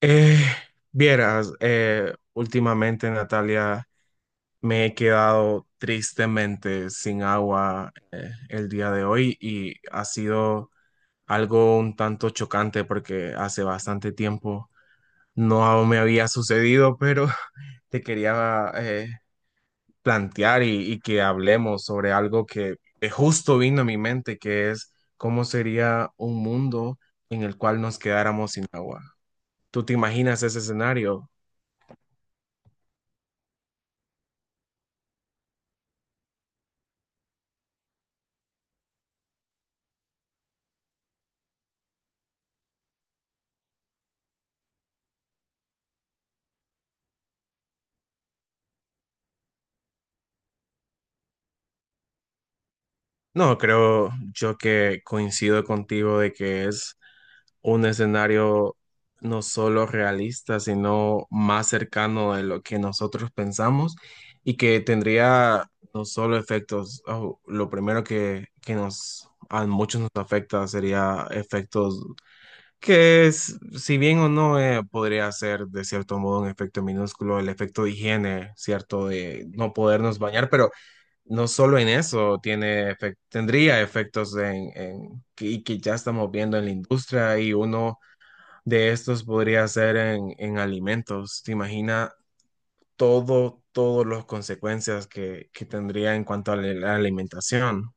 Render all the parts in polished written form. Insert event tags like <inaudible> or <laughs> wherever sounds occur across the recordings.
Eh, vieras, últimamente Natalia, me he quedado tristemente sin agua el día de hoy y ha sido algo un tanto chocante porque hace bastante tiempo no me había sucedido, pero <laughs> te quería plantear y que hablemos sobre algo que justo vino a mi mente, que es cómo sería un mundo en el cual nos quedáramos sin agua. ¿Tú te imaginas ese escenario? No, creo yo que coincido contigo de que es un escenario no solo realista, sino más cercano de lo que nosotros pensamos y que tendría no solo efectos. Oh, lo primero que nos a muchos nos afecta sería efectos que es, si bien o no podría ser de cierto modo un efecto minúsculo, el efecto de higiene, cierto, de no podernos bañar. Pero no solo en eso tiene tendría efectos en, que ya estamos viendo en la industria, y uno de estos podría ser en alimentos. ¿Te imaginas todo, todas las consecuencias que tendría en cuanto a la alimentación?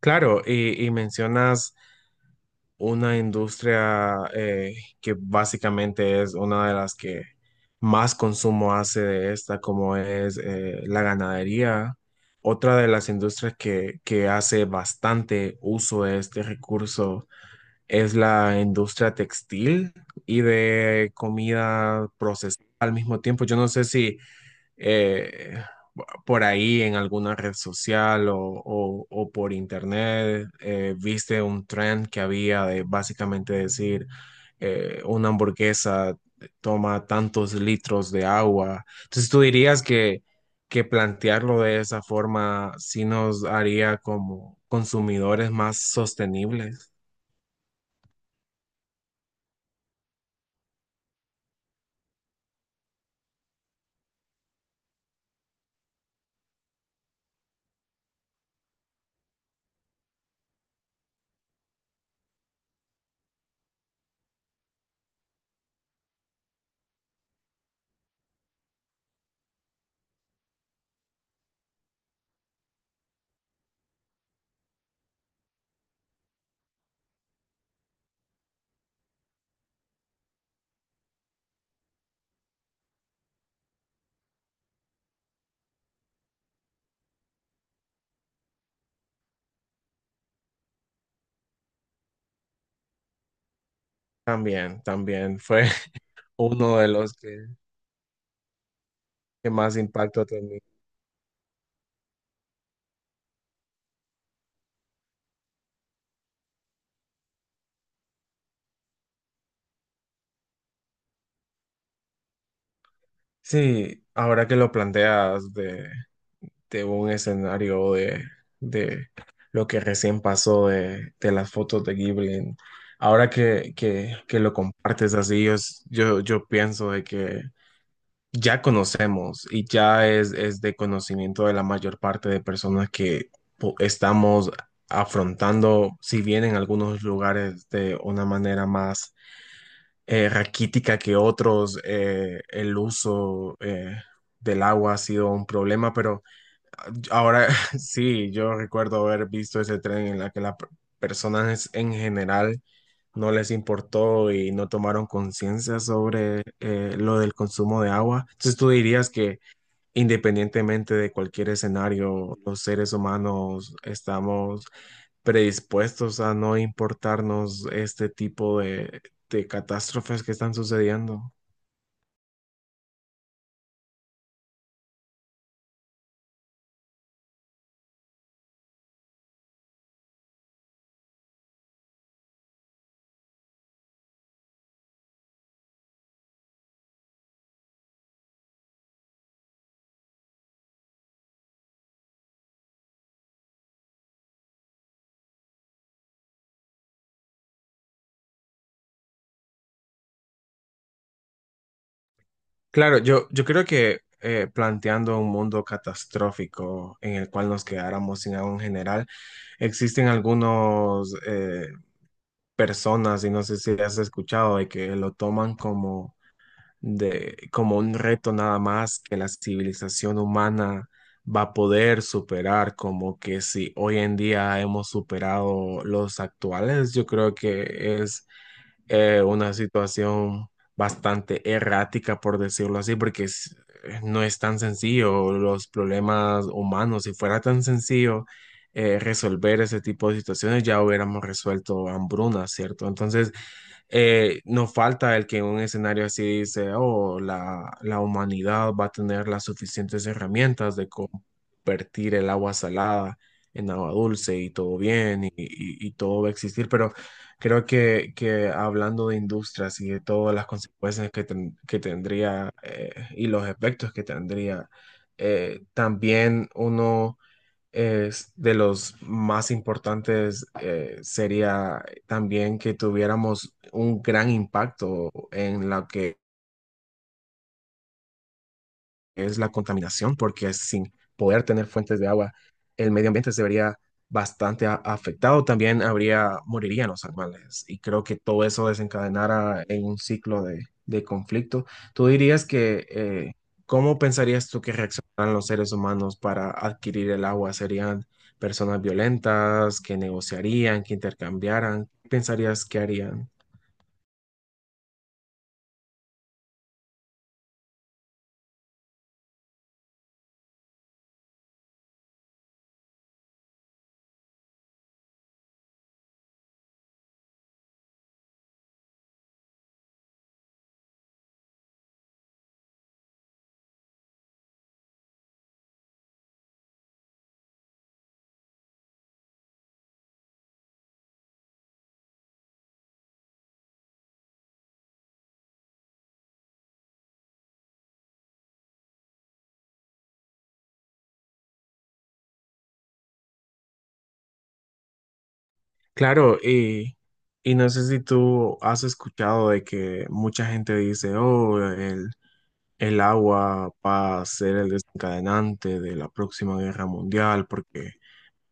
Claro, y mencionas una industria que básicamente es una de las que más consumo hace de esta, como es la ganadería. Otra de las industrias que hace bastante uso de este recurso es la industria textil y de comida procesada al mismo tiempo. Yo no sé si eh, por ahí en alguna red social o por internet, viste un trend que había de básicamente decir una hamburguesa toma tantos litros de agua. Entonces tú dirías que plantearlo de esa forma sí nos haría como consumidores más sostenibles. También, también fue <laughs> uno de los que más impacto tenía. Sí, ahora que lo planteas de un escenario de lo que recién pasó de las fotos de Ghibli. Ahora que lo compartes así, yo, yo, yo pienso de que ya conocemos y ya es de conocimiento de la mayor parte de personas que estamos afrontando, si bien en algunos lugares de una manera más raquítica que otros, el uso del agua ha sido un problema. Pero ahora <laughs> sí, yo recuerdo haber visto ese tren en la que las personas en general no les importó y no tomaron conciencia sobre lo del consumo de agua. Entonces tú dirías que independientemente de cualquier escenario, los seres humanos estamos predispuestos a no importarnos este tipo de catástrofes que están sucediendo. Claro, yo creo que planteando un mundo catastrófico en el cual nos quedáramos sin agua en general, existen algunos personas, y no sé si has escuchado, de que lo toman como, de, como un reto nada más que la civilización humana va a poder superar, como que si hoy en día hemos superado los actuales. Yo creo que es una situación bastante errática, por decirlo así, no es tan sencillo los problemas humanos. Si fuera tan sencillo resolver ese tipo de situaciones, ya hubiéramos resuelto hambrunas, ¿cierto? Entonces, nos falta el que en un escenario así dice, oh, la humanidad va a tener las suficientes herramientas de convertir el agua salada en agua dulce y todo bien y todo va a existir. Pero creo que hablando de industrias y de todas las consecuencias que, que tendría y los efectos que tendría, también uno es de los más importantes sería también que tuviéramos un gran impacto en lo que es la contaminación, porque sin poder tener fuentes de agua, el medio ambiente se vería bastante afectado. También habría, morirían los animales. Y creo que todo eso desencadenara en un ciclo de conflicto. ¿Tú dirías que, cómo pensarías tú que reaccionaran los seres humanos para adquirir el agua? ¿Serían personas violentas que negociarían, que intercambiaran? ¿Qué pensarías que harían? Claro, y no sé si tú has escuchado de que mucha gente dice, oh, el agua va a ser el desencadenante de la próxima guerra mundial porque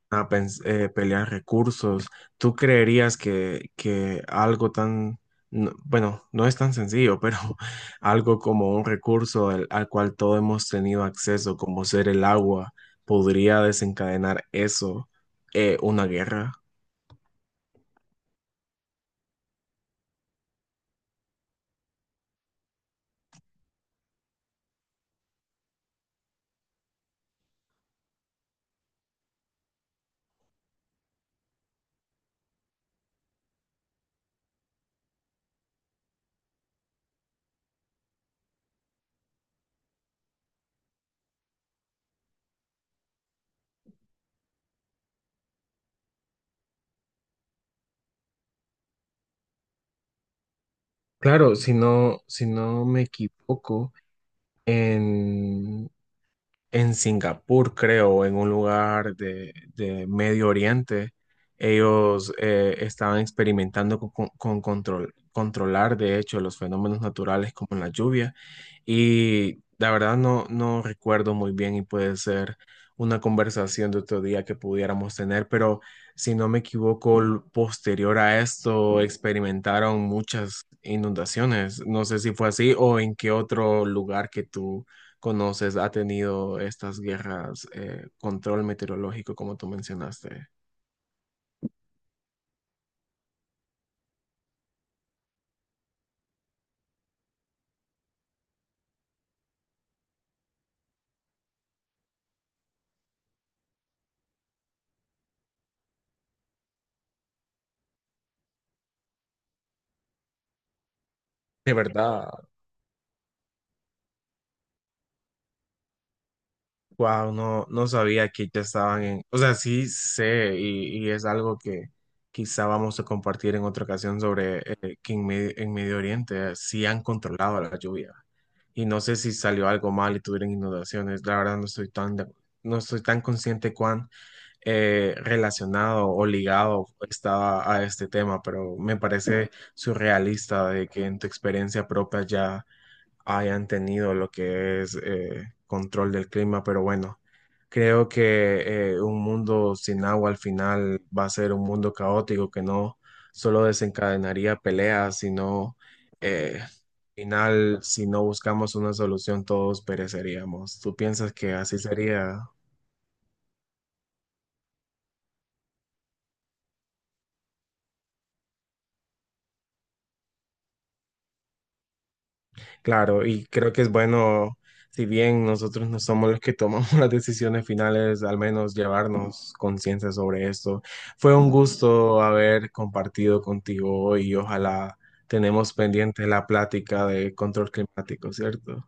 van a pelear recursos. ¿Tú creerías que algo tan, no- bueno, no es tan sencillo, pero <laughs> algo como un recurso al cual todos hemos tenido acceso, como ser el agua, podría desencadenar eso, una guerra? Claro, si no, si no me equivoco, en, en Singapur, creo, en un lugar de Medio Oriente, ellos estaban experimentando con, con control, controlar, de hecho, los fenómenos naturales como la lluvia. Y la verdad no, no recuerdo muy bien y puede ser una conversación de otro día que pudiéramos tener, pero si no me equivoco, posterior a esto experimentaron muchas inundaciones. No sé si fue así o en qué otro lugar que tú conoces ha tenido estas guerras, control meteorológico como tú mencionaste. De verdad. Wow, no, no sabía que ya estaban en, o sea, sí sé y es algo que quizá vamos a compartir en otra ocasión sobre que en, en Medio Oriente sí han controlado la lluvia y no sé si salió algo mal y tuvieron inundaciones. La verdad no estoy tan, de- no estoy tan consciente cuán relacionado o ligado estaba a este tema, pero me parece surrealista de que en tu experiencia propia ya hayan tenido lo que es control del clima, pero bueno. Creo que un mundo sin agua al final va a ser un mundo caótico que no solo desencadenaría peleas, sino al final, si no buscamos una solución, todos pereceríamos. ¿Tú piensas que así sería? Claro, y creo que es bueno, si bien nosotros no somos los que tomamos <laughs> las decisiones finales, al menos llevarnos conciencia sobre esto. Fue un gusto haber compartido contigo hoy y ojalá tenemos pendiente la plática de control climático, ¿cierto?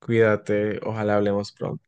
Cuídate, ojalá hablemos pronto.